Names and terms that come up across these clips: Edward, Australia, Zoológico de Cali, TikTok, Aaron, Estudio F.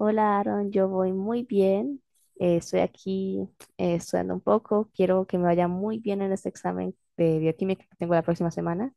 Hola Aaron, yo voy muy bien. Estoy aquí estudiando un poco. Quiero que me vaya muy bien en este examen de bioquímica que tengo la próxima semana.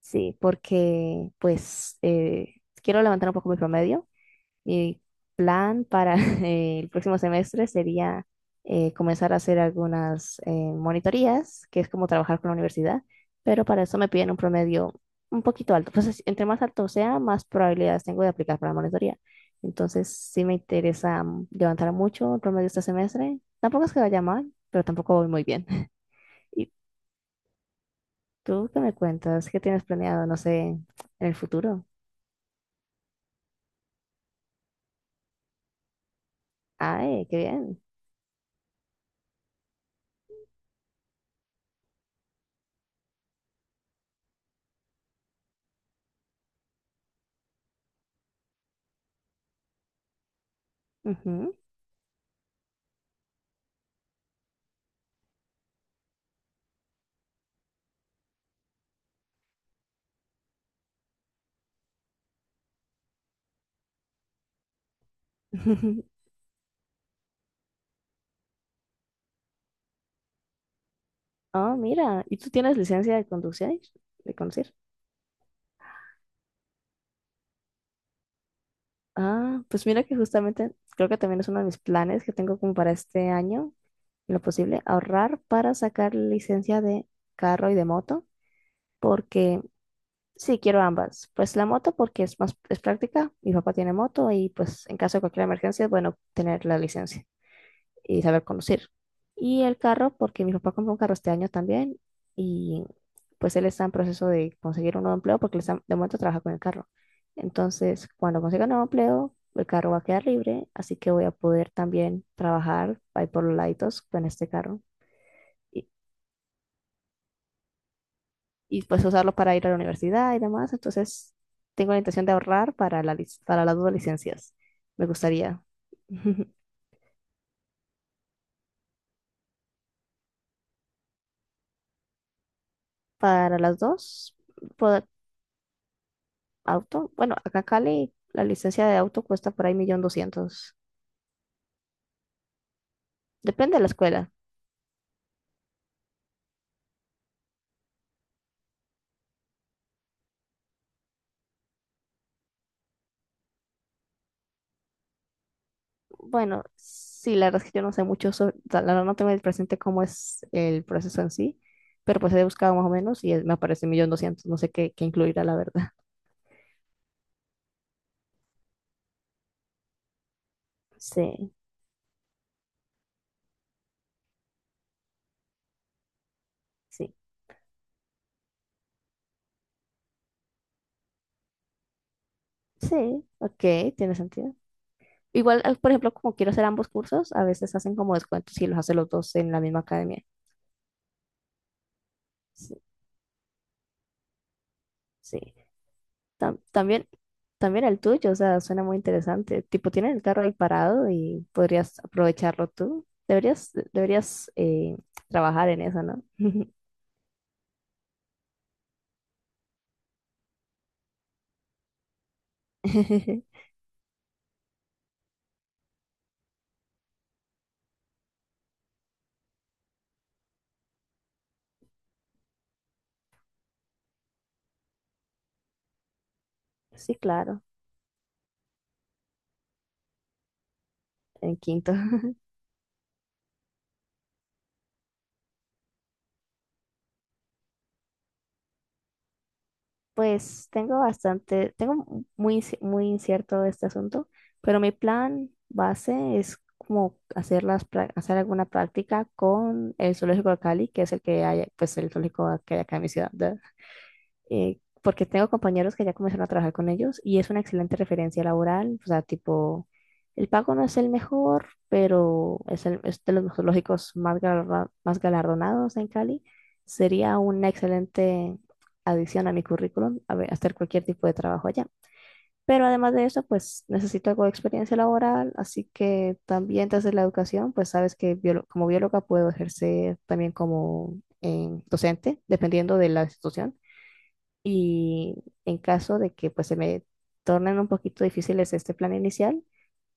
Sí, porque pues quiero levantar un poco mi promedio, mi plan para el próximo semestre sería comenzar a hacer algunas monitorías, que es como trabajar con la universidad, pero para eso me piden un promedio un poquito alto. Entonces, entre más alto sea, más probabilidades tengo de aplicar para la monitoría. Entonces, sí me interesa levantar mucho el promedio este semestre. Tampoco es que vaya mal, pero tampoco voy muy bien. ¿Y tú qué me cuentas? ¿Qué tienes planeado, no sé, en el futuro? Ay, qué bien. Ujú. Ah, mira, ¿y tú tienes licencia de conducir? ¿De conducir? Ah, pues mira que justamente creo que también es uno de mis planes que tengo como para este año, en lo posible, ahorrar para sacar licencia de carro y de moto, porque sí quiero ambas. Pues la moto porque es más, es práctica, mi papá tiene moto y pues en caso de cualquier emergencia es bueno tener la licencia y saber conducir. Y el carro, porque mi papá compró un carro este año también y pues él está en proceso de conseguir un nuevo empleo porque de momento trabaja con el carro. Entonces, cuando consiga un nuevo empleo, el carro va a quedar libre, así que voy a poder también trabajar ahí por los laditos con este carro y, y pues usarlo para ir a la universidad y demás. Entonces, tengo la intención de ahorrar para para las dos licencias. Me gustaría. Para las dos, pod- auto. Bueno, acá en Cali la licencia de auto cuesta por ahí millón doscientos. Depende de la escuela. Bueno, sí, la verdad es que yo no sé mucho sobre, o sea, la verdad no tengo el presente cómo es el proceso en sí, pero pues he buscado más o menos y me aparece millón doscientos. No sé qué, qué incluirá, la verdad. Sí, sí, sí, ok, tiene sentido. Igual, por ejemplo, como quiero hacer ambos cursos, a veces hacen como descuentos y los hace los dos en la misma academia. Sí, sí. tam- también, también el tuyo, o sea, suena muy interesante. Tipo, tienes el carro ahí parado y podrías aprovecharlo tú. Deberías trabajar en eso, ¿no? Sí, claro, en quinto. Pues tengo bastante, tengo muy incierto este asunto, pero mi plan base es como hacer alguna práctica con el zoológico de Cali, que es el que hay, pues el zoológico que hay acá en mi ciudad. Porque tengo compañeros que ya comenzaron a trabajar con ellos y es una excelente referencia laboral, o sea, tipo, el pago no es el mejor, pero es, el, es de los zoológicos más galardonados en Cali. Sería una excelente adición a mi currículum, a ver, hacer cualquier tipo de trabajo allá. Pero además de eso, pues necesito algo de experiencia laboral, así que también desde la educación, pues sabes que como bióloga puedo ejercer también como docente, dependiendo de la institución. Y en caso de que pues se me tornen un poquito difíciles este plan inicial,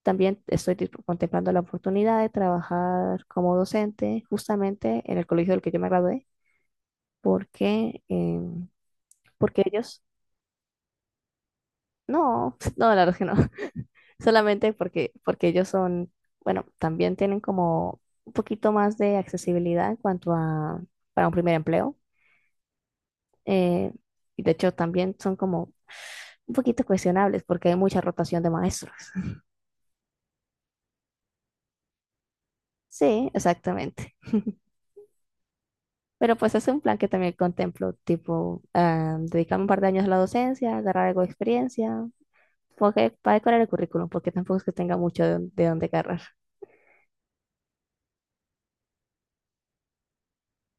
también estoy contemplando la oportunidad de trabajar como docente justamente en el colegio del que yo me gradué, porque, porque ellos, no, no, la verdad es que no, solamente porque, porque ellos son, bueno, también tienen como un poquito más de accesibilidad en cuanto a para un primer empleo. eh, y de hecho también son como un poquito cuestionables porque hay mucha rotación de maestros. Sí, exactamente. Pero pues es un plan que también contemplo, tipo, ah, dedicarme un par de años a la docencia, agarrar algo de experiencia, porque, para decorar el currículum, porque tampoco es que tenga mucho de, de dónde agarrar.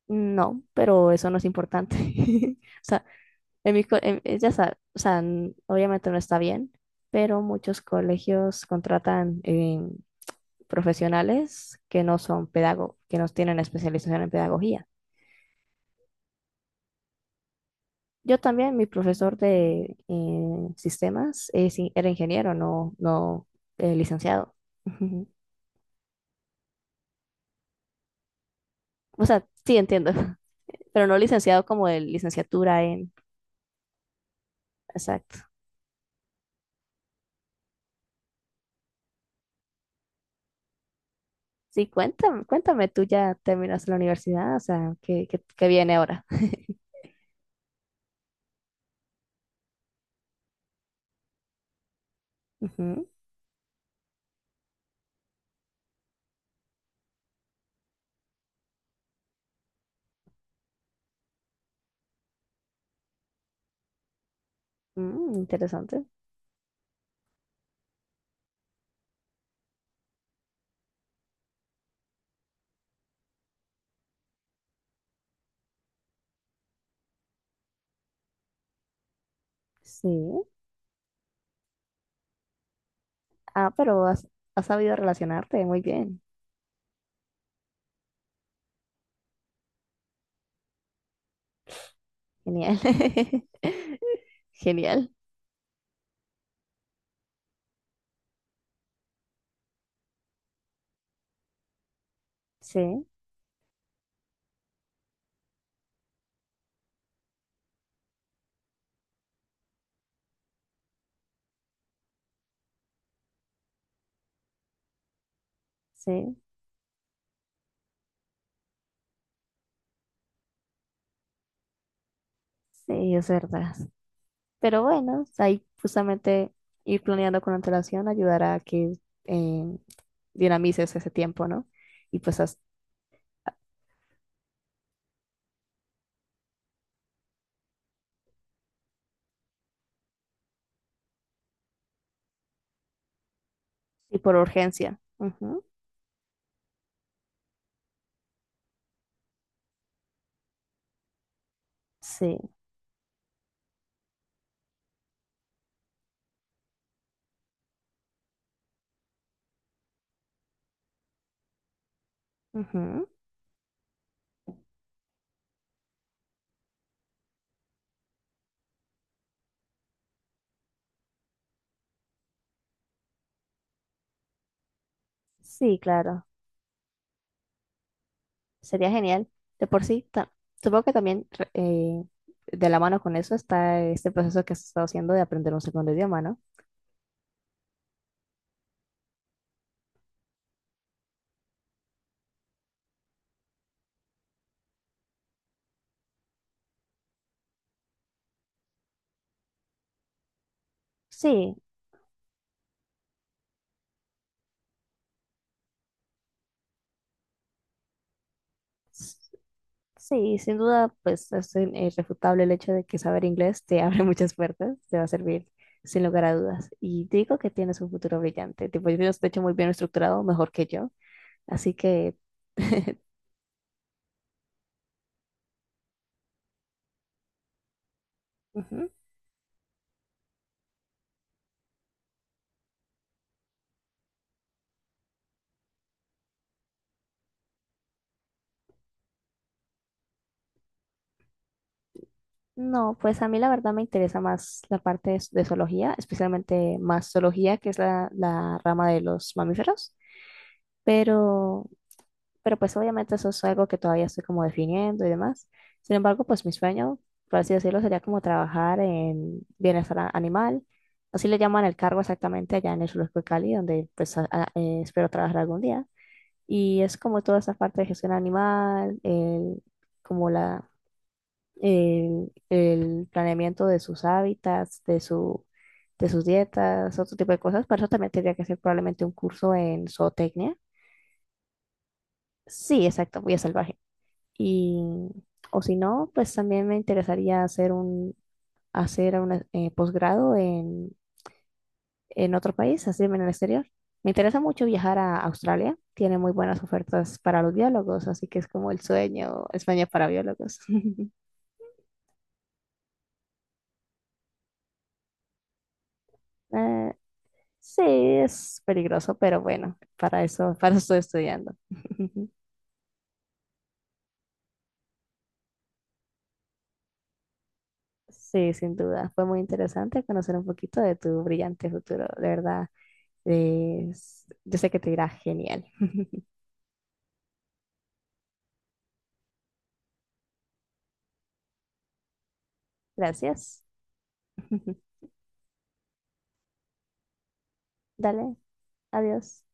No, pero eso no es importante. O sea, en mi, co- en- ya sa- o sea, obviamente no está bien, pero muchos colegios contratan profesionales que no son pedagogos, que no tienen especialización en pedagogía. Yo también, mi profesor de sistemas, sí, era ingeniero, no licenciado. Ujú. O sea, sí entiendo, pero no licenciado como de licenciatura en... Exacto. Sí, cuéntame, tú ya terminaste la universidad, o sea, ¿qué, qué viene ahora? Ujú, mm, interesante. Sí. Ah, has sabido relacionarte muy bien. Genial. Genial. Sí, sí, sí, es verdad. Pero bueno, ahí justamente ir planeando con antelación ayudará a que eh, dinamices ese tiempo, ¿no? Y pues as- y por urgencia. Ujú, sí, ujú, sí, claro. Sería genial. De por sí, ta- supongo que también de la mano con eso está este proceso que has estado haciendo de aprender un segundo idioma, ¿no? Sí. Sí, sin duda, pues irrefutable el hecho de que saber inglés te abre muchas puertas, te va a servir sin lugar a dudas. Y te digo que tienes un futuro brillante. Tipo, yo estoy hecho muy bien estructurado, mejor que yo. Así que, ujú. No, pues a mí la verdad me interesa más la parte de zoología, especialmente más zoología, que es la rama de los mamíferos. Pero pero pues obviamente eso es algo que todavía estoy como definiendo y demás. Sin embargo, pues mi sueño, por así decirlo, sería como trabajar en bienestar animal. Así le llaman el cargo exactamente allá en el Zoológico de Cali, donde pues espero trabajar algún día. Y es como toda esa parte de gestión animal, como el planeamiento de sus hábitats, de su, de sus dietas, otro tipo de cosas. Para eso también tendría que hacer probablemente un curso en zootecnia. Sí, exacto, voy a salvaje. Y, o si no, pues también me interesaría hacer un posgrado en otro país, así en el exterior. Me interesa mucho viajar a Australia, tiene muy buenas ofertas para los biólogos, así que es como el sueño, España para biólogos. Eh, sí, es peligroso, pero bueno, para eso estoy estudiando. Sí, sin duda. Fue muy interesante conocer un poquito de tu brillante futuro. De verdad, yo sé que te irá genial. Gracias. Dale, adiós.